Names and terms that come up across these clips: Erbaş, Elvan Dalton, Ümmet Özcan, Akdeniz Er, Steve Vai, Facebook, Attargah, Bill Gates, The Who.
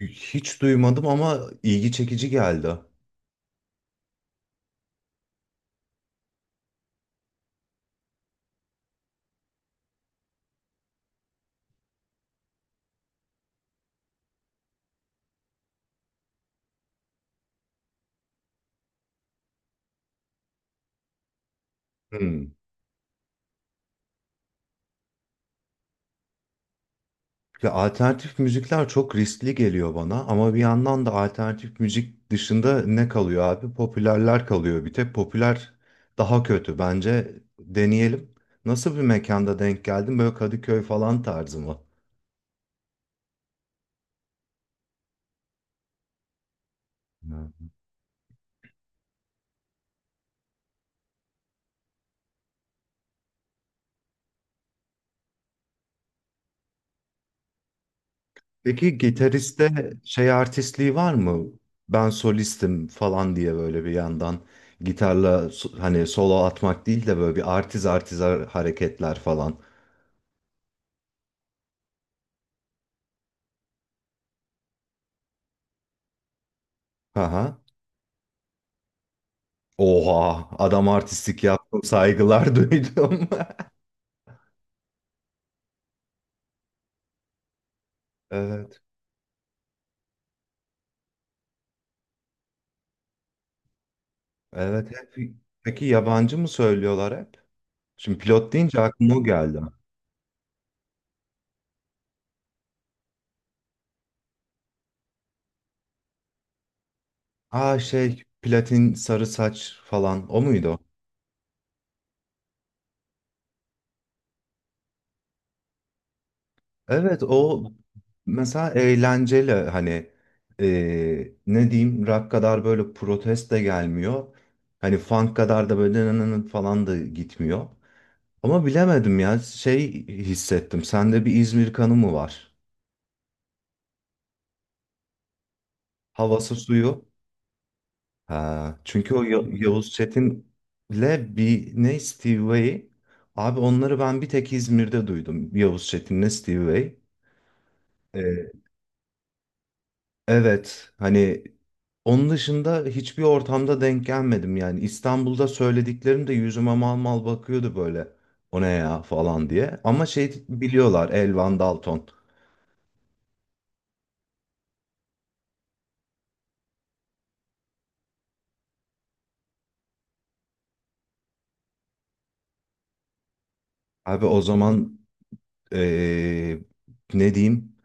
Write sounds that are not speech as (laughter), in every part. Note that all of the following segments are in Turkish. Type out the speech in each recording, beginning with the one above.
Hiç duymadım ama ilgi çekici geldi. Hmm. Ya alternatif müzikler çok riskli geliyor bana ama bir yandan da alternatif müzik dışında ne kalıyor abi? Popülerler kalıyor. Bir tek popüler daha kötü. Bence deneyelim. Nasıl bir mekanda denk geldin? Böyle Kadıköy falan tarzı mı? Hmm. Peki gitariste şey artistliği var mı? Ben solistim falan diye böyle bir yandan gitarla hani solo atmak değil de böyle bir artiz artiz hareketler falan. Aha. Oha, adam artistlik yaptım, saygılar (laughs) duydum. Evet, evet. Hep. Peki yabancı mı söylüyorlar hep? Şimdi pilot deyince aklıma o geldi. Aa şey, platin sarı saç falan, o muydu? Evet, o mesela eğlenceli hani, ne diyeyim, rock kadar böyle protest de gelmiyor. Hani funk kadar da böyle nı nı nı falan da gitmiyor. Ama bilemedim ya, şey hissettim. Sende bir İzmir kanı mı var? Havası suyu. Ha, çünkü o Yavuz Çetin'le bir ne Steve Vai. Abi onları ben bir tek İzmir'de duydum. Yavuz Çetin'le Steve Vai. Ee, evet, hani onun dışında hiçbir ortamda denk gelmedim yani. İstanbul'da söylediklerim de yüzüme mal mal bakıyordu böyle. O ne ya falan diye. Ama şey biliyorlar Elvan Dalton. Abi o zaman ee, ne diyeyim?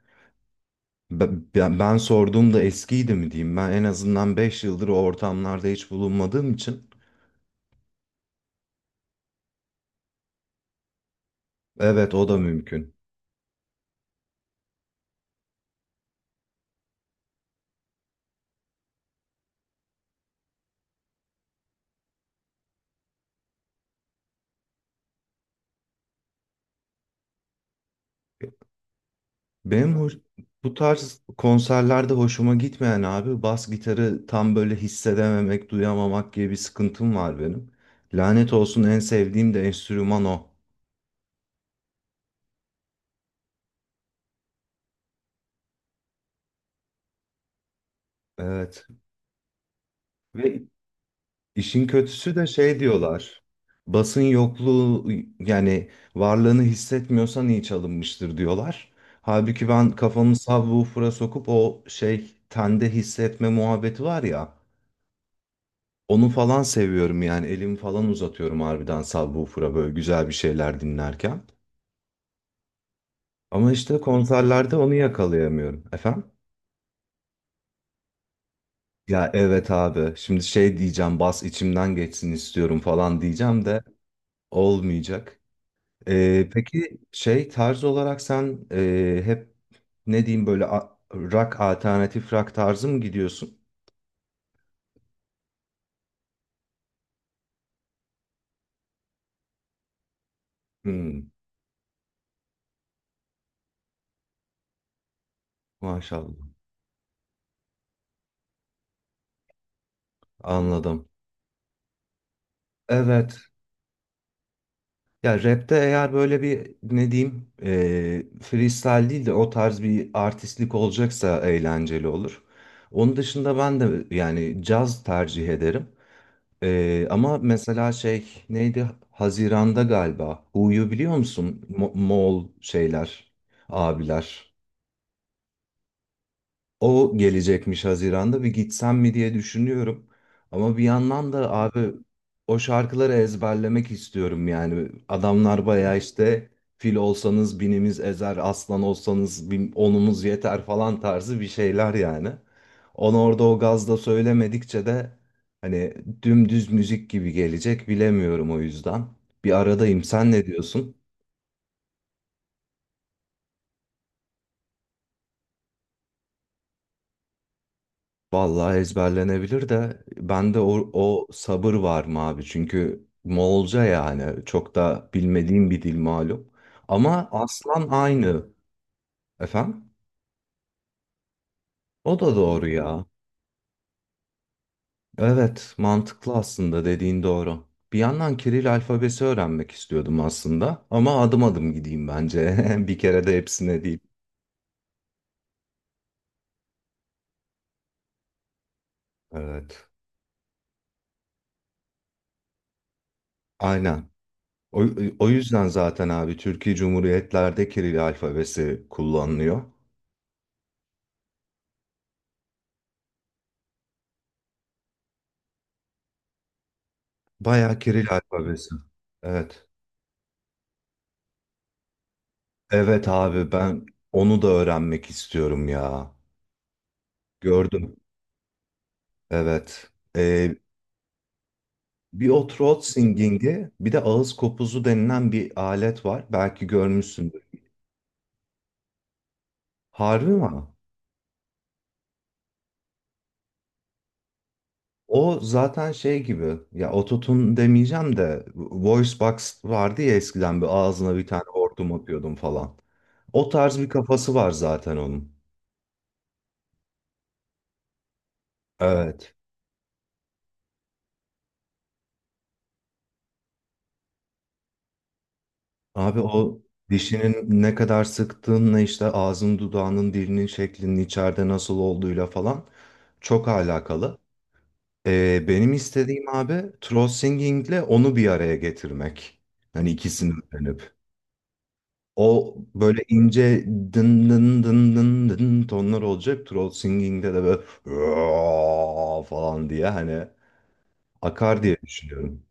Ben sorduğumda eskiydi mi diyeyim? Ben en azından 5 yıldır o ortamlarda hiç bulunmadığım için. Evet o da mümkün. Benim hoş- bu tarz konserlerde hoşuma gitmeyen abi bas gitarı tam böyle hissedememek, duyamamak gibi bir sıkıntım var benim. Lanet olsun en sevdiğim de enstrüman o. Evet. Ve İşin kötüsü de şey diyorlar. Basın yokluğu yani varlığını hissetmiyorsan iyi çalınmıştır diyorlar. Halbuki ben kafamı subwoofer'a sokup o şey tende hissetme muhabbeti var ya. Onu falan seviyorum yani elimi falan uzatıyorum harbiden subwoofer'a böyle güzel bir şeyler dinlerken. Ama işte konserlerde onu yakalayamıyorum. Efendim? Ya evet abi şimdi şey diyeceğim bas içimden geçsin istiyorum falan diyeceğim de olmayacak. Peki şey tarz olarak sen, hep ne diyeyim böyle, rock alternatif rock tarzı mı gidiyorsun? Hmm, maşallah. Anladım. Evet. Ya rapte eğer böyle bir ne diyeyim, freestyle değil de o tarz bir artistlik olacaksa eğlenceli olur. Onun dışında ben de yani caz tercih ederim. Ama mesela şey neydi? Haziran'da galiba. Hu'yu biliyor musun? Moğol şeyler, abiler. O gelecekmiş Haziran'da bir gitsem mi diye düşünüyorum. Ama bir yandan da abi o şarkıları ezberlemek istiyorum yani. Adamlar bayağı işte fil olsanız binimiz ezer, aslan olsanız bin, onumuz yeter falan tarzı bir şeyler yani. Onu orada o gazda söylemedikçe de hani dümdüz müzik gibi gelecek bilemiyorum o yüzden. Bir aradayım. Sen ne diyorsun? Vallahi ezberlenebilir de bende o sabır var mı abi? Çünkü Moğolca yani çok da bilmediğim bir dil malum. Ama aslan aynı. Efendim? O da doğru ya. Evet, mantıklı aslında dediğin doğru. Bir yandan Kiril alfabesi öğrenmek istiyordum aslında ama adım adım gideyim bence. (laughs) Bir kere de hepsine değil. Evet. Aynen. O, o yüzden zaten abi Türkiye Cumhuriyetlerde Kiril alfabesi kullanılıyor. Bayağı Kiril alfabesi. Evet. Evet abi ben onu da öğrenmek istiyorum ya. Gördüm. Evet. Ee, Bir o throat singing'i bir de ağız kopuzu denilen bir alet var. Belki görmüşsündür. Harbi mi? O zaten şey gibi ya ototun demeyeceğim de voice box vardı ya eskiden bir ağzına bir tane hortum atıyordum falan. O tarz bir kafası var zaten onun. Evet. Abi o dişinin ne kadar sıktığınla işte ağzın dudağının dilinin şeklinin içeride nasıl olduğuyla falan çok alakalı. Benim istediğim abi throat singing'le onu bir araya getirmek. Hani ikisini öğrenip. O böyle ince dın dın dın dın dın tonlar olacak. Throat singing'de de böyle (laughs) "Aa" falan diye hani akar diye düşünüyorum.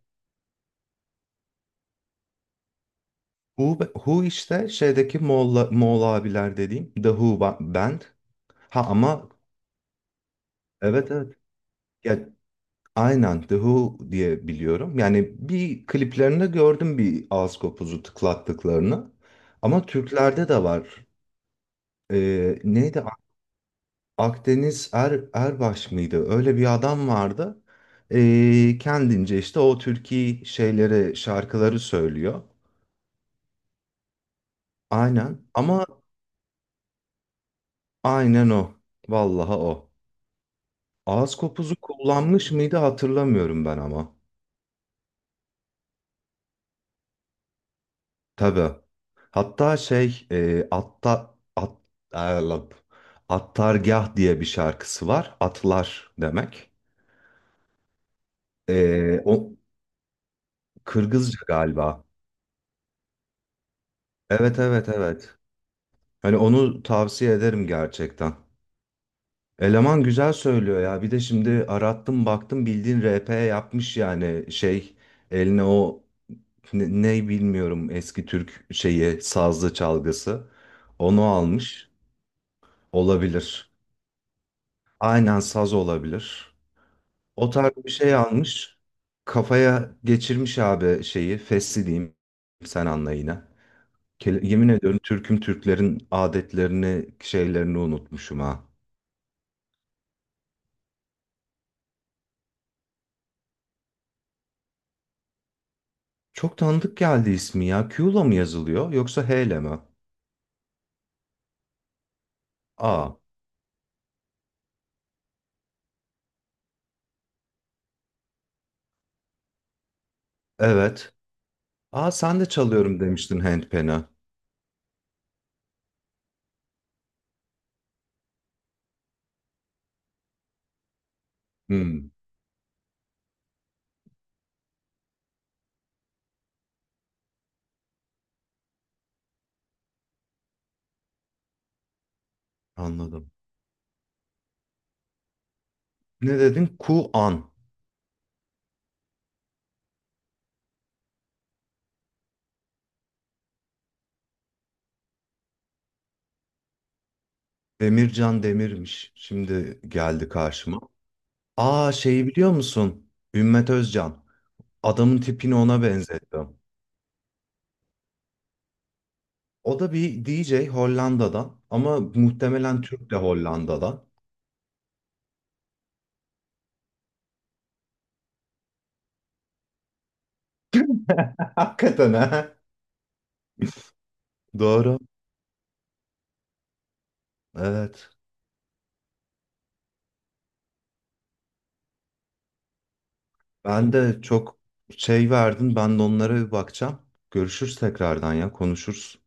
Who, Who işte şeydeki Moğol, Moğol abiler dediğim The Who Band. Ha ama evet evet. Ya, aynen The Who diye biliyorum. Yani bir kliplerinde gördüm bir ağız kopuzu tıklattıklarını. Ama Türklerde de var. Neydi? Akdeniz Erbaş mıydı? Öyle bir adam vardı. Kendince işte o türkü şeyleri, şarkıları söylüyor. Aynen ama aynen o. Vallahi o. Ağız kopuzu kullanmış mıydı hatırlamıyorum ben ama. Tabii. Hatta şey, Allah'ım. Attargah diye bir şarkısı var. Atlar demek. O Kırgızca galiba. Evet evet evet. Hani onu tavsiye ederim gerçekten. Eleman güzel söylüyor ya. Bir de şimdi arattım baktım bildiğin RP yapmış yani şey eline o ne bilmiyorum eski Türk şeyi sazlı çalgısı. Onu almış olabilir. Aynen saz olabilir. O tarz bir şey almış. Kafaya geçirmiş abi şeyi fesli diyeyim sen anla yine. Yemin ediyorum Türk'üm Türklerin adetlerini şeylerini unutmuşum ha. Çok tanıdık geldi ismi ya. Q'la mı yazılıyor yoksa H ile mi? A. Evet. A sen de çalıyorum demiştin handpan'a. Hmm, anladım. Ne dedin? Kuan. Demircan Demir'miş. Şimdi geldi karşıma. Aa şeyi biliyor musun? Ümmet Özcan. Adamın tipini ona benzettim. O da bir DJ Hollanda'dan ama muhtemelen Türk de Hollanda'dan. (laughs) Hakikaten ha. Doğru. Evet. Ben de çok şey verdin. Ben de onlara bir bakacağım. Görüşürüz tekrardan ya konuşuruz.